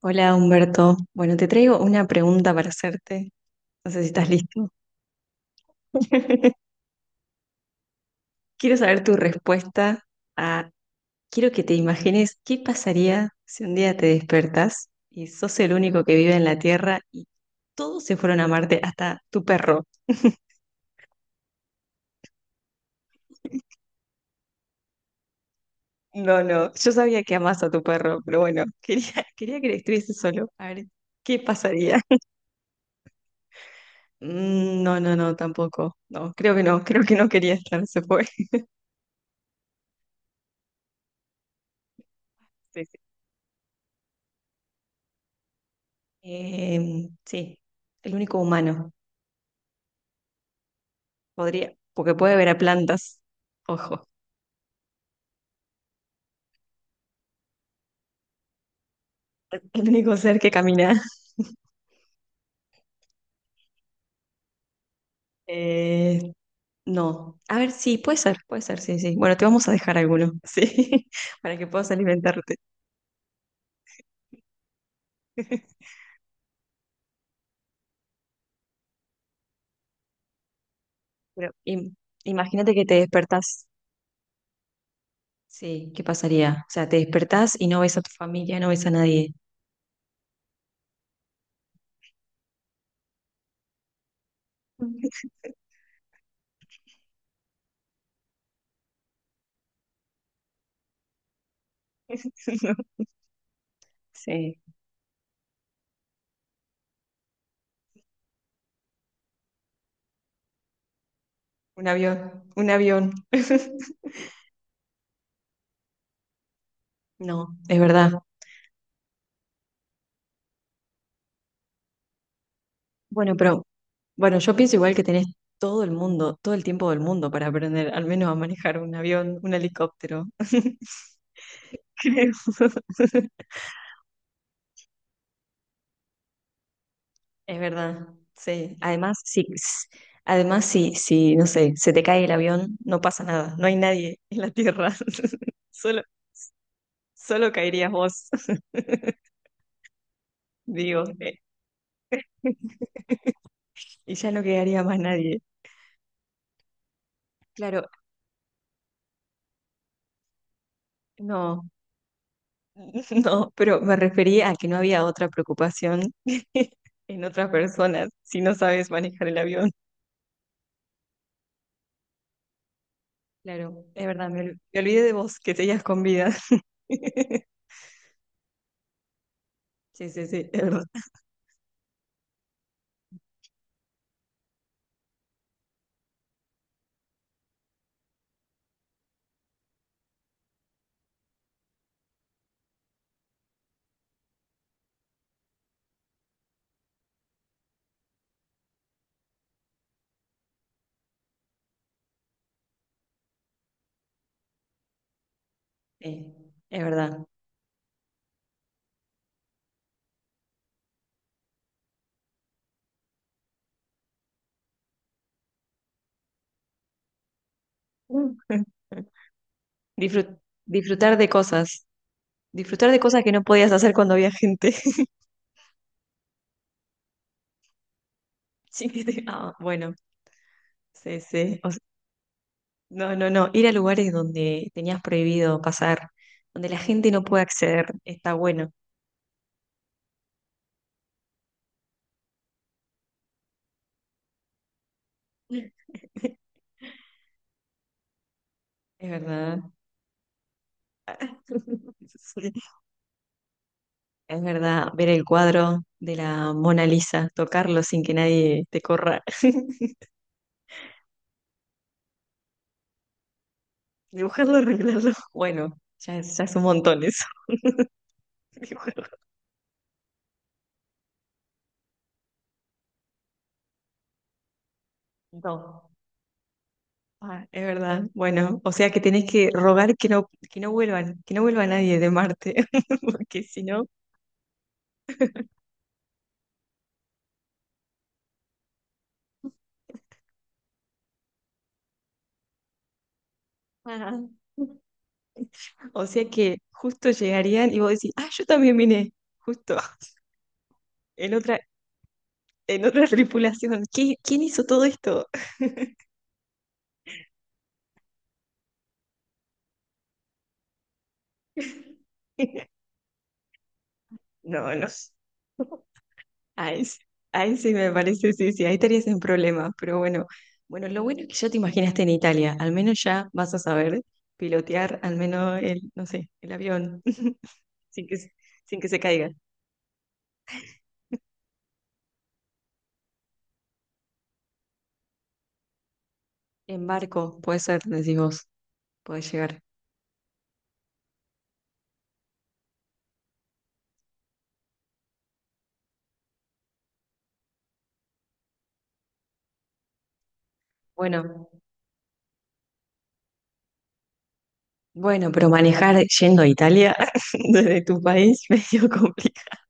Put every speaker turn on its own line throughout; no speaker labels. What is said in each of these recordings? Hola Humberto. Bueno, te traigo una pregunta para hacerte. No sé si estás listo. Quiero saber tu respuesta a, Quiero que te imagines qué pasaría si un día te despertas y sos el único que vive en la Tierra y todos se fueron a Marte, hasta tu perro. No, no, yo sabía que amás a tu perro, pero bueno, quería, quería que estuviese solo. A ver, ¿qué pasaría? Mm, no, no, no, tampoco. No, creo que no, creo que no quería estar, se fue. Sí, el único humano. Podría, porque puede ver a plantas. Ojo, el único ser que camina. Eh, no. A ver, sí, puede ser, sí, sí. Bueno, te vamos a dejar alguno, sí, para que puedas alimentarte. Pero im- Imagínate que te despertás. Sí, ¿qué pasaría? O sea, te despertás y no ves a tu familia, no ves a nadie. No, sí, un avión, un avión. No, es verdad. Bueno, pero Bueno, yo pienso igual que tenés todo el mundo, todo el tiempo del mundo para aprender, al menos a manejar un avión, un helicóptero. Creo. Es verdad, sí. Además, sí, sí, no sé, se te cae el avión, no pasa nada, no hay nadie en la tierra. Solo, solo caerías vos, digo, y ya no quedaría más nadie. Claro, no, no, pero me refería a que no había otra preocupación en otras personas si no sabes manejar el avión. Claro, es verdad, me olvidé de vos, que seguías con vida. Sí, sí, sí, es verdad. Sí, es verdad. Disfrut- Disfrutar de cosas, disfrutar de cosas que no podías hacer cuando había gente. Sí, ah, bueno, sí, sí. No, no, no, ir a lugares donde tenías prohibido pasar, donde la gente no puede acceder, está bueno. Es verdad. Sí, es verdad, ver el cuadro de la Mona Lisa, tocarlo sin que nadie te corra. Dibujarlo, arreglarlo. Bueno, ya es un montón eso. Dibujarlo. No. Ah, es verdad. Bueno, o sea que tenés que rogar que no vuelvan, que no vuelva nadie de Marte, porque si no. Ajá. O sea que justo llegarían y vos decís, ah, yo también vine, justo, en otra, en otra tripulación. ¿Quién hizo todo esto? No, no. Ahí, sí, ahí sí me parece, sí, sí, ahí estarías en problemas, pero bueno, bueno, lo bueno es que ya te imaginaste en Italia, al menos ya vas a saber pilotear al menos el, no sé, el avión, sin que, se- sin que se caiga. En barco, puede ser, decís vos, puedes llegar. Bueno, bueno, pero, manejar yendo a Italia desde tu país medio complicado.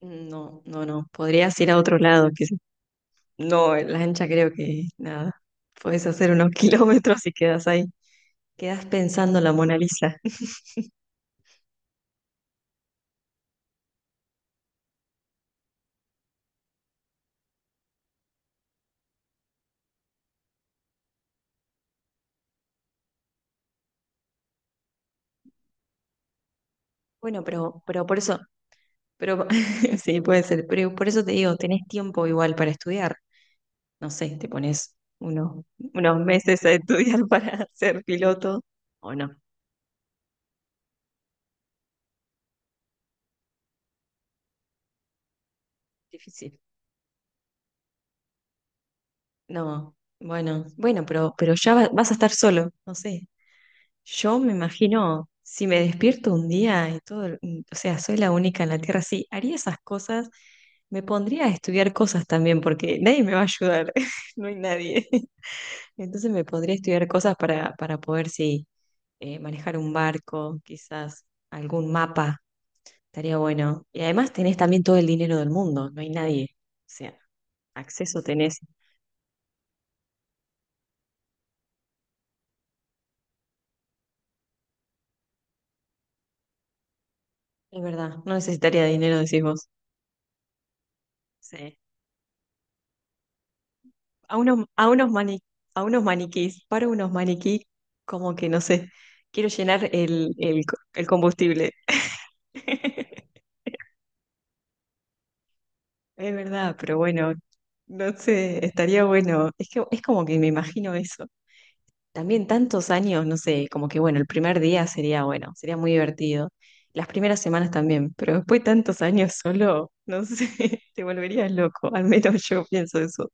No, no, no, podrías ir a otro lado, que no, en lancha creo que nada, puedes hacer unos kilómetros y quedas ahí. Quedas pensando en la Mona Lisa. Bueno, pero por eso, pero sí, puede ser, pero por eso te digo, tenés tiempo igual para estudiar. No sé, te pones unos meses a estudiar para ser piloto o no. Difícil. No, bueno, bueno, pero ya vas a estar solo, no sé. Yo me imagino, si me despierto un día y todo, o sea, soy la única en la Tierra, sí, haría esas cosas, me pondría a estudiar cosas también, porque nadie me va a ayudar, no hay nadie. Entonces me podría estudiar cosas para poder, sí, manejar un barco, quizás algún mapa, estaría bueno. Y además tenés también todo el dinero del mundo, no hay nadie. O sea, acceso tenés. Es verdad, no necesitaría dinero, decís vos. Sí. A unos, a unos a unos maniquís, para unos maniquís, como que no sé, quiero llenar el combustible. Es verdad, pero bueno, no sé, estaría bueno. Es que es como que me imagino eso. También tantos años, no sé, como que bueno, el primer día sería bueno, sería muy divertido. Las primeras semanas también, pero después de tantos años solo, no sé, te volverías loco, al menos yo pienso eso.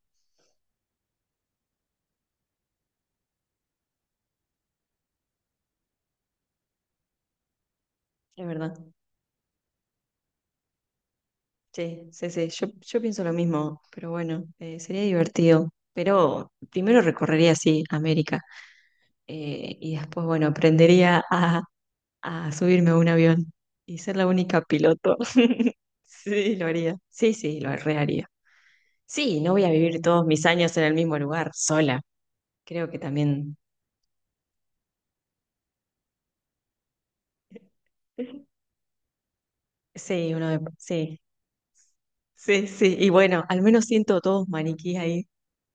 Es verdad. Sí, sí, sí, yo, pienso lo mismo, pero bueno, sería divertido. Pero primero recorrería sí América y después, bueno, aprendería a subirme a un avión y ser la única piloto. Sí, lo haría. Sí, sí, lo reharía. Sí, no voy a vivir todos mis años en el mismo lugar, sola. Creo que también. Sí, uno de... Sí, sí, sí. Y bueno, al menos siento todos maniquíes ahí.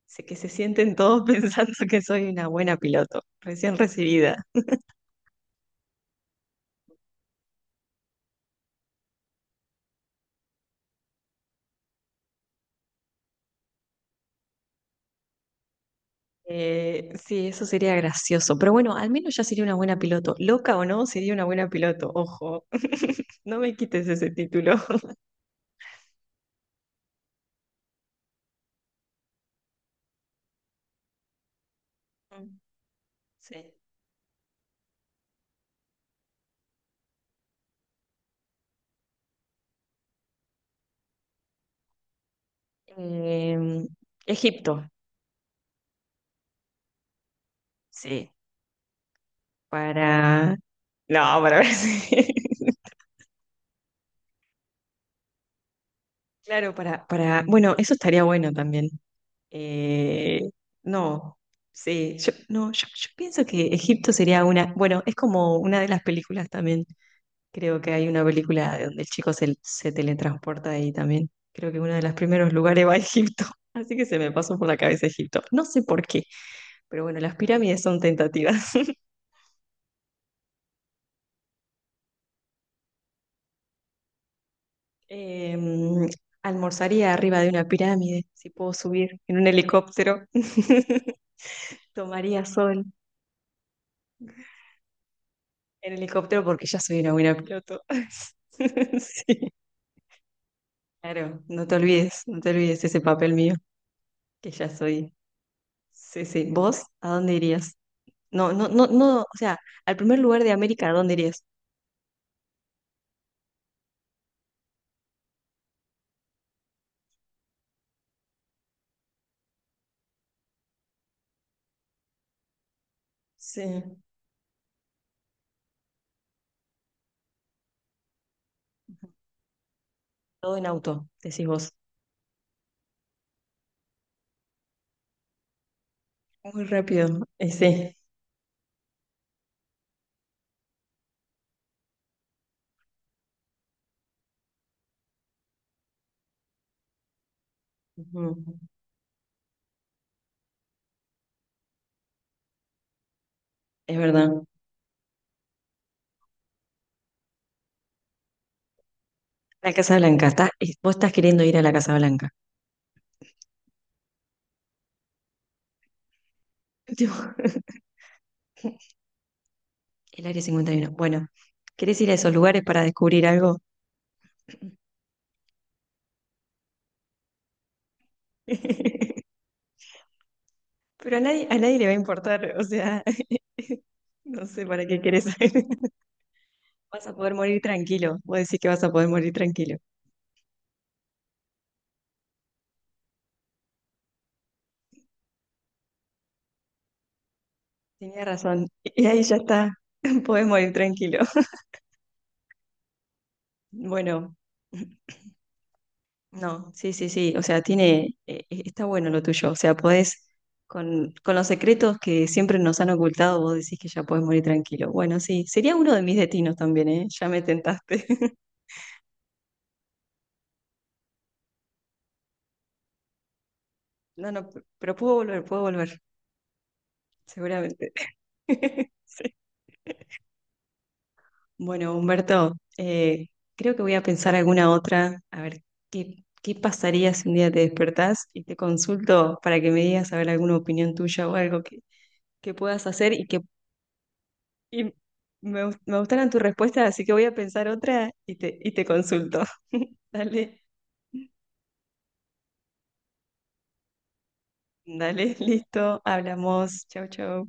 Sé que se sienten todos pensando que soy una buena piloto, recién recibida. Sí, eso sería gracioso. Pero bueno, al menos ya sería una buena piloto. Loca o no, sería una buena piloto. Ojo, no me quites ese título. Mm, sí. Em, Egipto, sí. Para... No, para ver si... Claro, para, bueno, eso estaría bueno también. Eh, no, sí, yo, no, yo pienso que Egipto sería una, bueno, es como una de las películas también. Creo que hay una película donde el chico se, se teletransporta ahí también. Creo que uno de los primeros lugares va a Egipto. Así que se me pasó por la cabeza Egipto. No sé por qué, pero bueno, las pirámides son tentativas. Em, Almorzaría arriba de una pirámide, si puedo subir en un helicóptero. Tomaría sol. En helicóptero porque ya soy una buena piloto. Sí. Claro, no te olvides, no te olvides ese papel mío, que ya soy. Sí, sí. ¿Vos a dónde irías? No, no, no, no, o sea, al primer lugar de América, ¿a dónde irías? Sí. Todo en auto, decís vos. Muy rápido. Sí. Ujú. Es verdad. La Casa Blanca, vos estás queriendo ir a la Casa Blanca. Tipo, el Área 51. Bueno, ¿querés ir a esos lugares para descubrir algo? Pero a nadie le va a importar, o sea, no sé para qué querés saber. Vas a poder morir tranquilo, vos decís que vas a poder morir tranquilo. Tenía razón, y ahí ya está, podés morir tranquilo. Bueno, no, sí, sí, sí, o sea, tiene, está bueno lo tuyo, o sea, podés, con los secretos que siempre nos han ocultado, vos decís que ya podés morir tranquilo. Bueno, sí, sería uno de mis destinos también, ¿eh? Ya me tentaste. No, no, pero puedo volver, seguramente. Bueno, Humberto, creo que voy a pensar alguna otra, a ver, ¿qué, qué pasaría si un día te despertás y te consulto para que me digas a ver alguna opinión tuya o algo que, puedas hacer y que y me gustaran tus respuestas, así que voy a pensar otra y te consulto. Dale, dale, listo, hablamos, chau, chau.